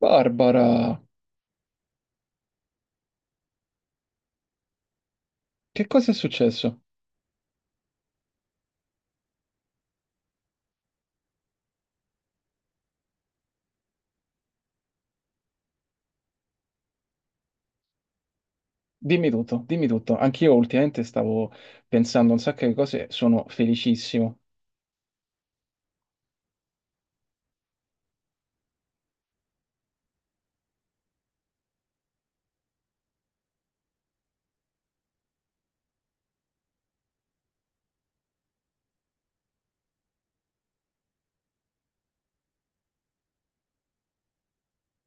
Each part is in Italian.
Barbara, che cosa è successo? Dimmi tutto, dimmi tutto. Anch'io ultimamente stavo pensando a un sacco di cose, sono felicissimo.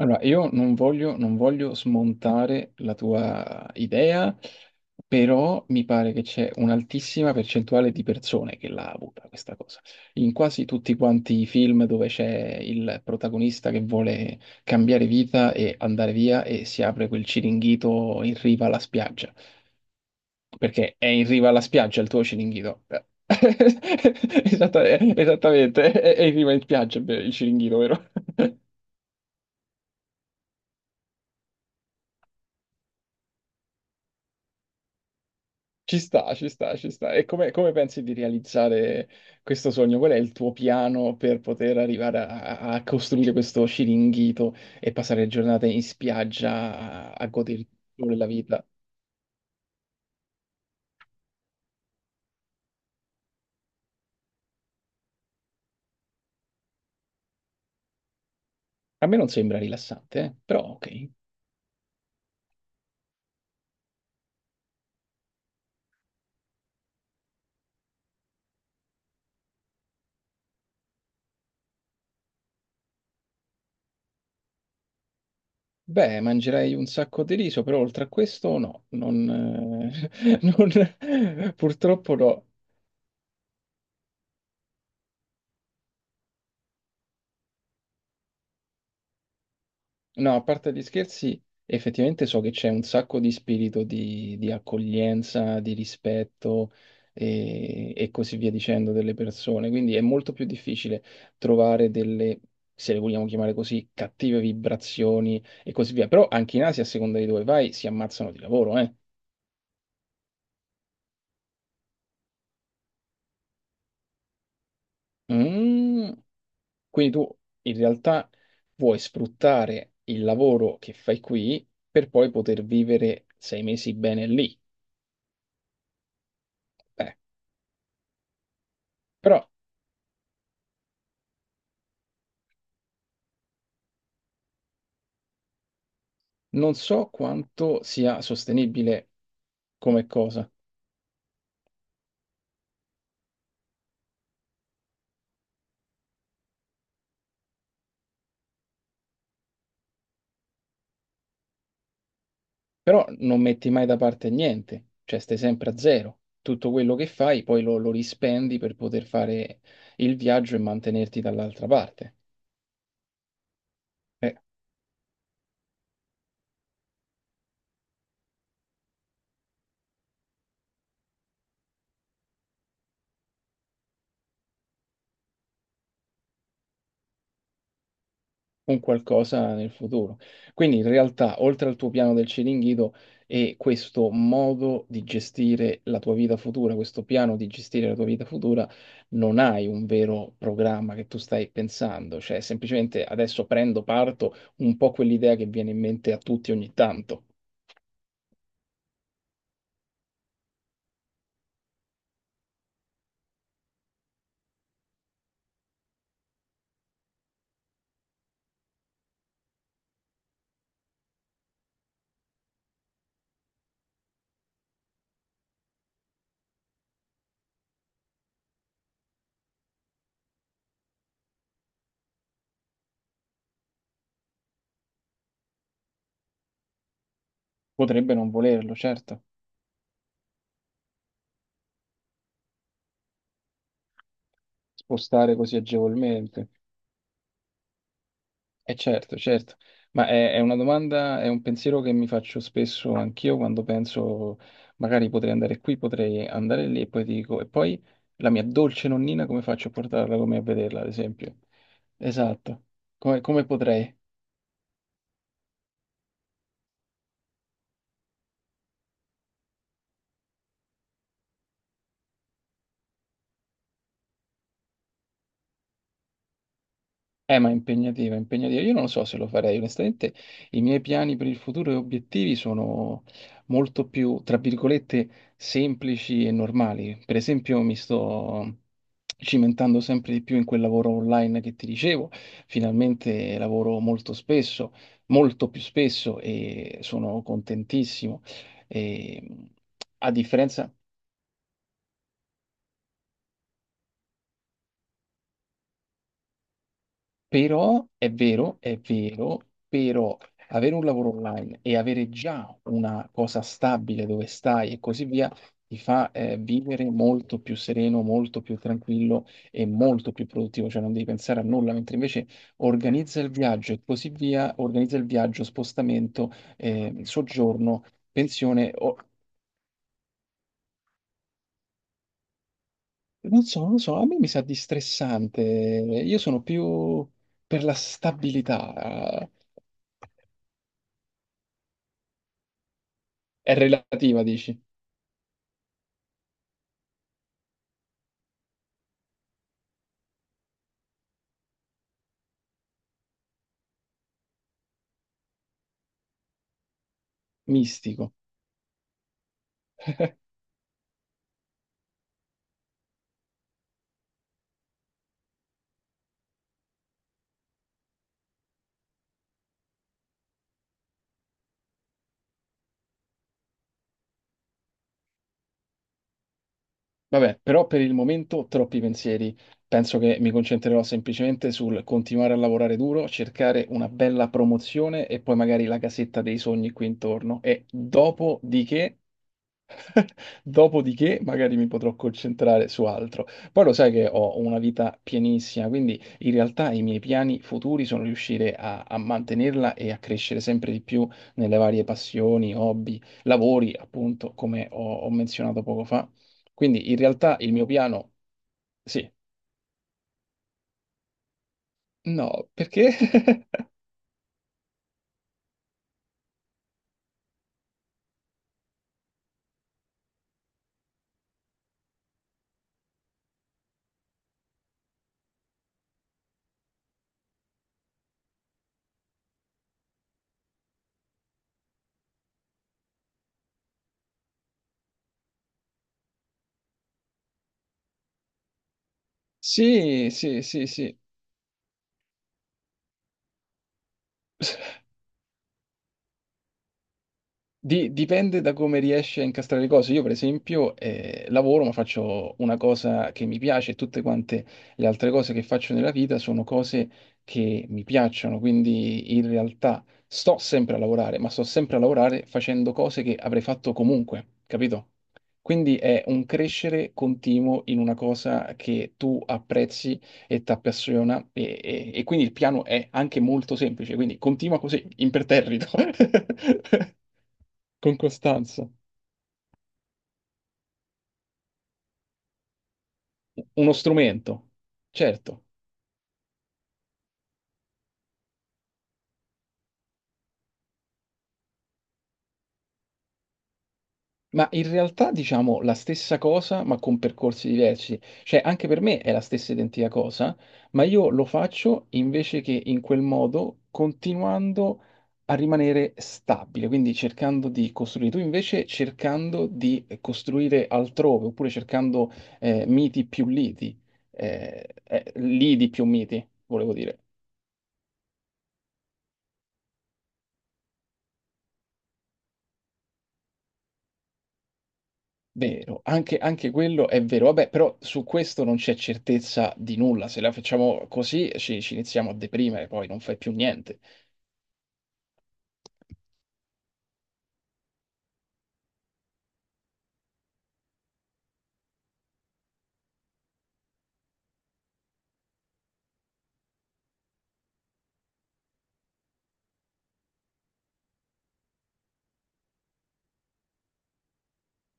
Allora, io non voglio smontare la tua idea, però mi pare che c'è un'altissima percentuale di persone che l'ha avuta questa cosa. In quasi tutti quanti i film dove c'è il protagonista che vuole cambiare vita e andare via e si apre quel ciringhito in riva alla spiaggia. Perché è in riva alla spiaggia il tuo Ciringhito. Esattamente, è in riva in spiaggia beh, il Ciringhito, vero? Ci sta, ci sta, ci sta. E come pensi di realizzare questo sogno? Qual è il tuo piano per poter arrivare a costruire questo Ciringhito e passare le giornate in spiaggia a goderti il sole e la vita? A me non sembra rilassante, però ok. Beh, mangerei un sacco di riso, però oltre a questo no, non, purtroppo no. No, a parte gli scherzi, effettivamente so che c'è un sacco di spirito di accoglienza, di rispetto e così via dicendo delle persone, quindi è molto più difficile trovare delle, se le vogliamo chiamare così, cattive vibrazioni e così via. Però anche in Asia, a seconda di dove vai, si ammazzano di lavoro, eh. Mm. Quindi tu in realtà vuoi sfruttare il lavoro che fai qui per poi poter vivere 6 mesi bene lì. Eh, però non so quanto sia sostenibile come cosa, però non metti mai da parte niente, cioè stai sempre a zero. Tutto quello che fai poi lo rispendi per poter fare il viaggio e mantenerti dall'altra parte. Eh, un qualcosa nel futuro. Quindi in realtà, oltre al tuo piano del Ciringhito, è questo modo di gestire la tua vita futura, questo piano di gestire la tua vita futura, non hai un vero programma che tu stai pensando, cioè semplicemente adesso prendo, parto, un po' quell'idea che viene in mente a tutti ogni tanto. Potrebbe non volerlo, certo, spostare così agevolmente. E certo, certo, ma è una domanda, è un pensiero che mi faccio spesso anch'io quando penso magari potrei andare qui, potrei andare lì e poi dico, e poi la mia dolce nonnina come faccio a portarla con me a vederla, ad esempio? Esatto, come, come potrei? Ma è impegnativa, è impegnativa. Io non lo so se lo farei, onestamente i miei piani per il futuro e obiettivi sono molto più, tra virgolette, semplici e normali. Per esempio, mi sto cimentando sempre di più in quel lavoro online che ti dicevo. Finalmente lavoro molto spesso, molto più spesso e sono contentissimo. E, a differenza. Però è vero, però avere un lavoro online e avere già una cosa stabile dove stai e così via ti fa vivere molto più sereno, molto più tranquillo e molto più produttivo, cioè non devi pensare a nulla, mentre invece organizza il viaggio e così via, organizza il viaggio, spostamento, soggiorno, pensione, non so, non so, a me mi sa di stressante, io sono più per la stabilità, è relativa, dici? Mistico. Vabbè, però per il momento troppi pensieri. Penso che mi concentrerò semplicemente sul continuare a lavorare duro, cercare una bella promozione e poi magari la casetta dei sogni qui intorno. E dopodiché. Dopodiché magari mi potrò concentrare su altro. Poi lo sai che ho una vita pienissima, quindi in realtà i miei piani futuri sono riuscire a, a mantenerla e a crescere sempre di più nelle varie passioni, hobby, lavori, appunto, come ho menzionato poco fa. Quindi in realtà il mio piano, sì, no, perché? Sì, sì, sì, sì. Dipende da come riesci a incastrare le cose. Io, per esempio, lavoro, ma faccio una cosa che mi piace e tutte quante le altre cose che faccio nella vita sono cose che mi piacciono. Quindi, in realtà, sto sempre a lavorare, ma sto sempre a lavorare facendo cose che avrei fatto comunque, capito? Quindi è un crescere continuo in una cosa che tu apprezzi e ti appassiona e quindi il piano è anche molto semplice, quindi continua così, imperterrito. Con Costanza, uno strumento, certo, ma in realtà diciamo la stessa cosa ma con percorsi diversi, cioè anche per me è la stessa identica cosa, ma io lo faccio invece che in quel modo continuando a rimanere stabile, quindi cercando di costruire, tu invece cercando di costruire altrove oppure cercando miti più liti, lidi più miti, volevo dire. Vero, anche, anche quello è vero. Vabbè, però su questo non c'è certezza di nulla. Se la facciamo così ci iniziamo a deprimere, poi non fai più niente.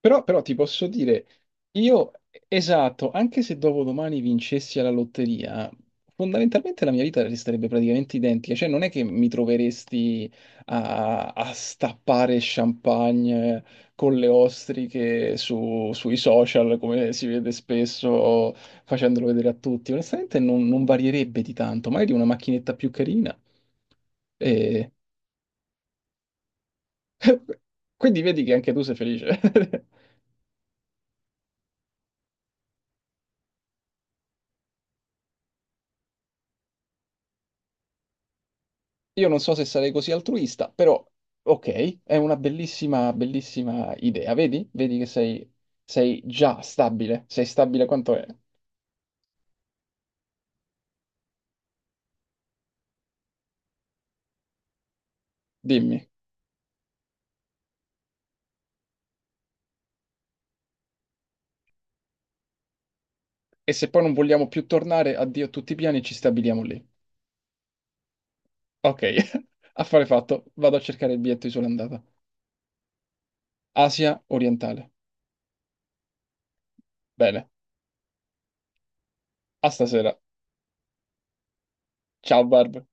Però ti posso dire, io, esatto, anche se dopodomani vincessi alla lotteria, fondamentalmente la mia vita resterebbe praticamente identica, cioè non è che mi troveresti a stappare champagne con le ostriche sui social, come si vede spesso, facendolo vedere a tutti. Onestamente non varierebbe di tanto, magari una macchinetta più carina. E. Quindi vedi che anche tu sei felice. Io non so se sarei così altruista, però ok, è una bellissima, bellissima idea. Vedi? Vedi che sei, già stabile, sei stabile quanto è. Dimmi. E se poi non vogliamo più tornare, addio a tutti i piani, ci stabiliamo lì. Ok, affare fatto. Vado a cercare il biglietto di sola andata. Asia orientale. Bene, a stasera. Ciao Barb.